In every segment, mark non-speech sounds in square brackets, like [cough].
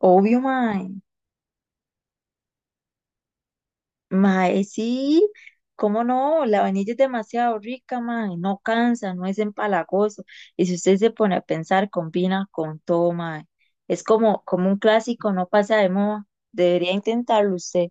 Obvio, mae. Mae, sí. ¿Cómo no? La vainilla es demasiado rica, mae. No cansa, no es empalagoso. Y si usted se pone a pensar, combina con todo, mae. Es como un clásico, no pasa de moda. Debería intentarlo usted.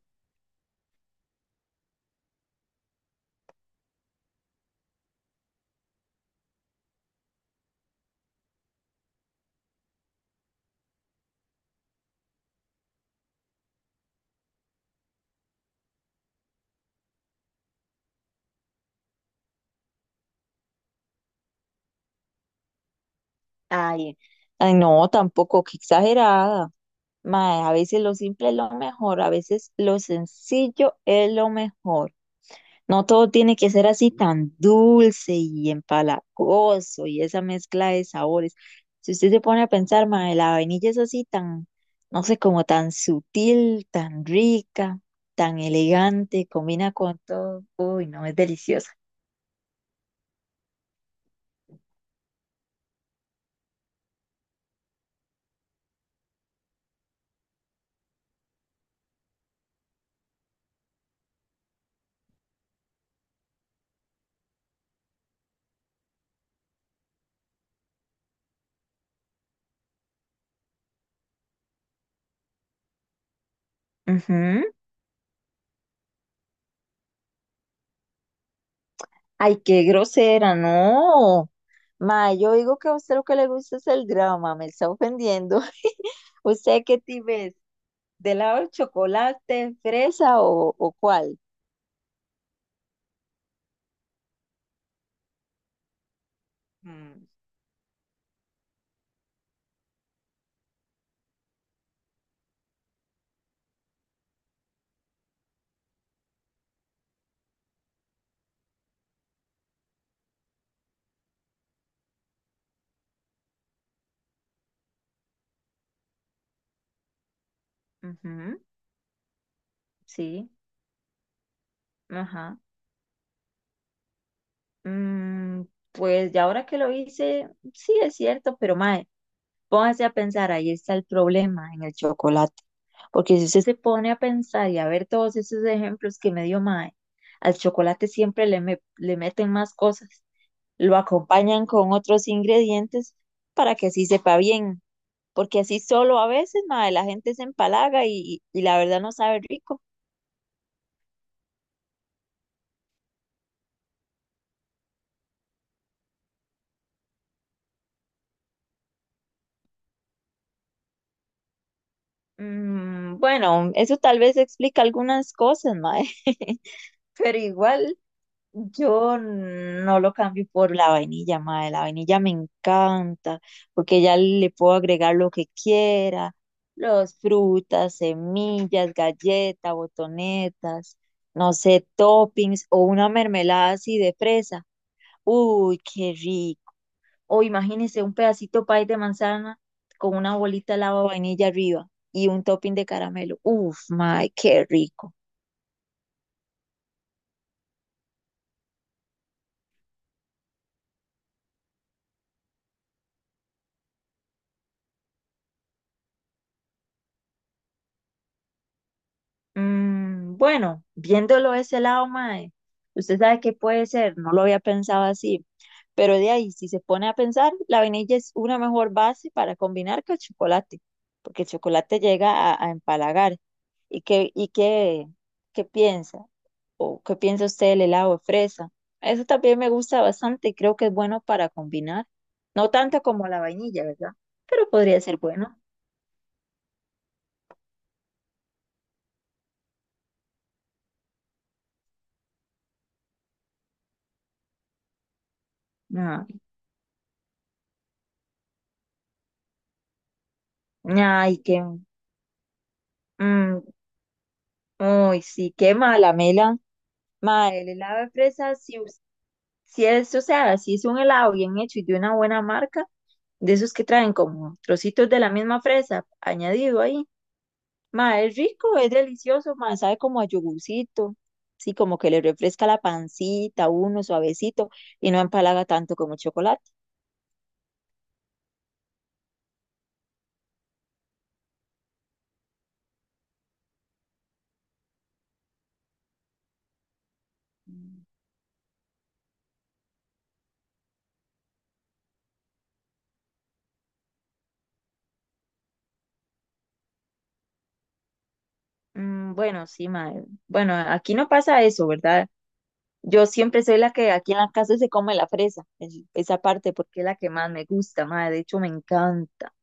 Ay, ay, no, tampoco, qué exagerada. Mae, a veces lo simple es lo mejor, a veces lo sencillo es lo mejor. No todo tiene que ser así tan dulce y empalagoso y esa mezcla de sabores. Si usted se pone a pensar, mae, la vainilla es así tan, no sé, como tan sutil, tan rica, tan elegante, combina con todo. Uy, no, es deliciosa. Ujú. Ay, qué grosera, no. Mae, yo digo que a usted lo que le gusta es el drama, me está ofendiendo. [laughs] ¿Usted qué tipo es? ¿De lado el chocolate, fresa o cuál? Mm, ujú. Sí, ajá. Mm, pues ya ahora que lo hice, sí es cierto, pero mae, póngase a pensar, ahí está el problema en el chocolate. Porque si usted se pone a pensar y a ver todos esos ejemplos que me dio mae, al chocolate siempre le meten más cosas, lo acompañan con otros ingredientes para que así sepa bien. Porque así solo a veces, mae, la gente se empalaga y la verdad no sabe rico. Mm, bueno, eso tal vez explica algunas cosas, mae. [laughs] Pero igual yo no lo cambio por la vainilla, madre. La vainilla me encanta porque ya le puedo agregar lo que quiera, los frutas, semillas, galletas, botonetas, no sé, toppings o una mermelada así de fresa. Uy, qué rico. O imagínese un pedacito pie de manzana con una bolita de lava vainilla arriba y un topping de caramelo. Uf, madre, qué rico. Mm, bueno, viéndolo de ese lado, mae, usted sabe que puede ser, no lo había pensado así, pero de ahí, si se pone a pensar, la vainilla es una mejor base para combinar que el chocolate, porque el chocolate llega a empalagar. ¿Y qué, y qué, qué piensa? ¿O qué piensa usted del helado de fresa? Eso también me gusta bastante y creo que es bueno para combinar. No tanto como la vainilla, ¿verdad? Pero podría ser bueno. Ay, ay, que... Uy, sí, qué mala, Mela. Madre, el helado de fresa, si es, o sea, si es un helado bien hecho y de una buena marca, de esos que traen como trocitos de la misma fresa añadido ahí. Madre, es rico, es delicioso, madre, sabe como a yogurcito. Sí, como que le refresca la pancita, a uno suavecito y no empalaga tanto como el chocolate. Mm, bueno, sí, madre. Bueno, aquí no pasa eso, ¿verdad? Yo siempre soy la que aquí en la casa se come la fresa, esa parte, porque es la que más me gusta, mae, de hecho me encanta.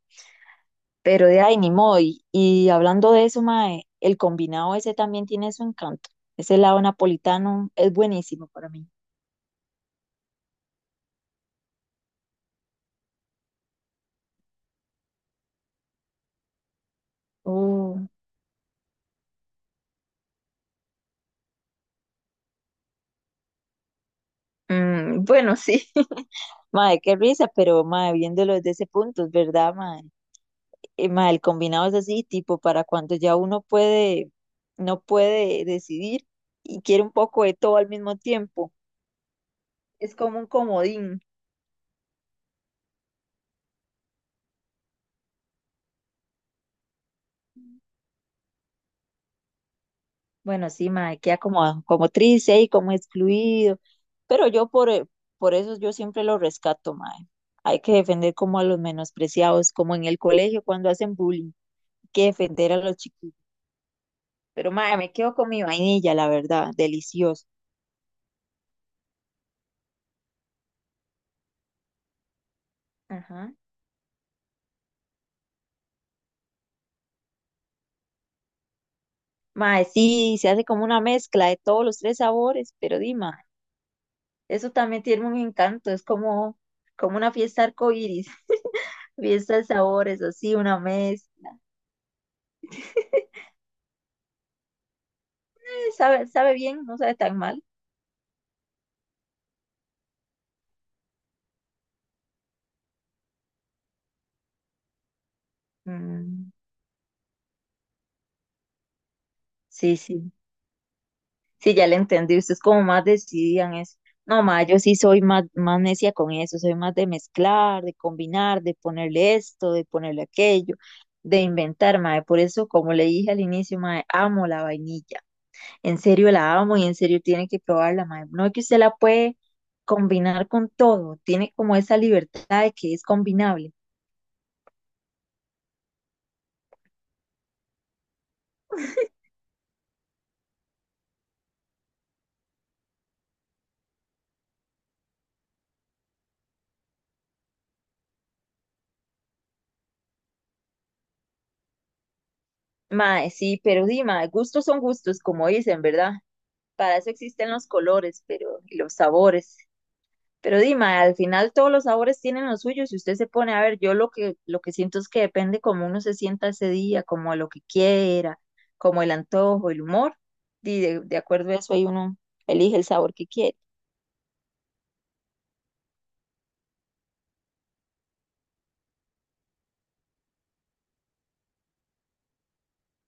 Pero de ahí ni modo. Y hablando de eso, mae, el combinado ese también tiene su encanto. Ese helado napolitano es buenísimo para mí. Uh, mm, bueno, sí. [laughs] Mae, qué risa, pero mae, viéndolo desde ese punto, es verdad, mae. Mae, el combinado es así, tipo, para cuando ya no puede decidir y quiere un poco de todo al mismo tiempo. Es como un comodín. Bueno, sí, mae, queda como triste ahí, como excluido. Pero por eso yo siempre lo rescato, mae. Hay que defender como a los menospreciados, como en el colegio cuando hacen bullying. Hay que defender a los chiquitos. Pero mae, me quedo con mi vainilla, la verdad, delicioso. Ajá. Mae, sí, se hace como una mezcla de todos los tres sabores, pero di, mae, eso también tiene un encanto, es como, como una fiesta arcoíris, [laughs] fiesta de sabores, así, una mezcla. Sabe, sabe bien, no sabe tan mal. Mm, sí, sí, sí, ya le entendí. Ustedes como más decidida en eso. No, ma, yo sí soy más, más necia con eso, soy más de mezclar, de combinar, de ponerle esto, de ponerle aquello, de inventar, ma. Por eso, como le dije al inicio, ma, amo la vainilla. En serio la amo y en serio tiene que probarla, ma. No es que usted la puede combinar con todo, tiene como esa libertad de que es combinable. Mae, sí, pero sí, mae, gustos son gustos, como dicen, ¿verdad? Para eso existen los colores, pero y los sabores. Pero Dima, al final todos los sabores tienen los suyos. Si usted se pone a ver, yo lo que siento es que depende como uno se sienta ese día, como a lo que quiera, como el antojo, el humor. Y de acuerdo a eso, ahí uno elige el sabor que quiere.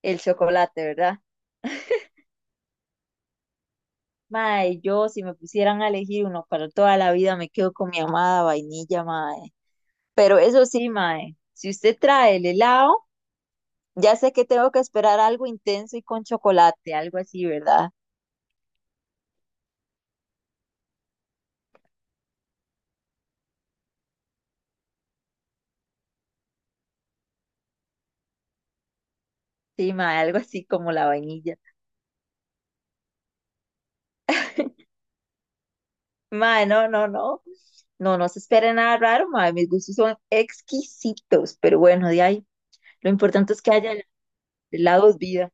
El chocolate, ¿verdad? Mae, yo si me pusieran a elegir uno para toda la vida, me quedo con mi amada vainilla, mae. Pero eso sí, mae, si usted trae el helado, ya sé que tengo que esperar algo intenso y con chocolate, algo así, ¿verdad? Sí, mae, algo así como la vainilla. Mae, no, no, no. No, no se espera nada raro, mae. Mis gustos son exquisitos, pero bueno, de ahí. Lo importante es que haya helados vida.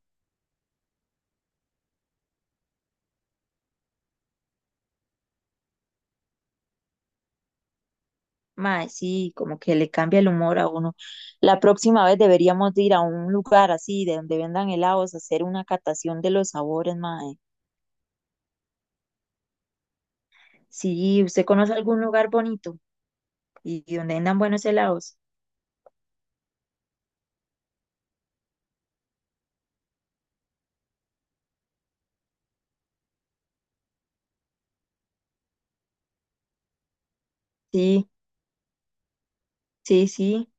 Mae, sí, como que le cambia el humor a uno. La próxima vez deberíamos de ir a un lugar así, de donde vendan helados, hacer una catación de los sabores, mae. Sí, ¿usted conoce algún lugar bonito y donde vendan buenos helados? Sí. Sí, sí.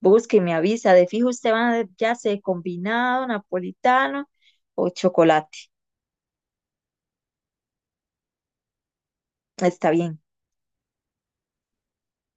Busque, y me avisa. De fijo usted va a- ya sé, combinado, napolitano o chocolate. Está bien.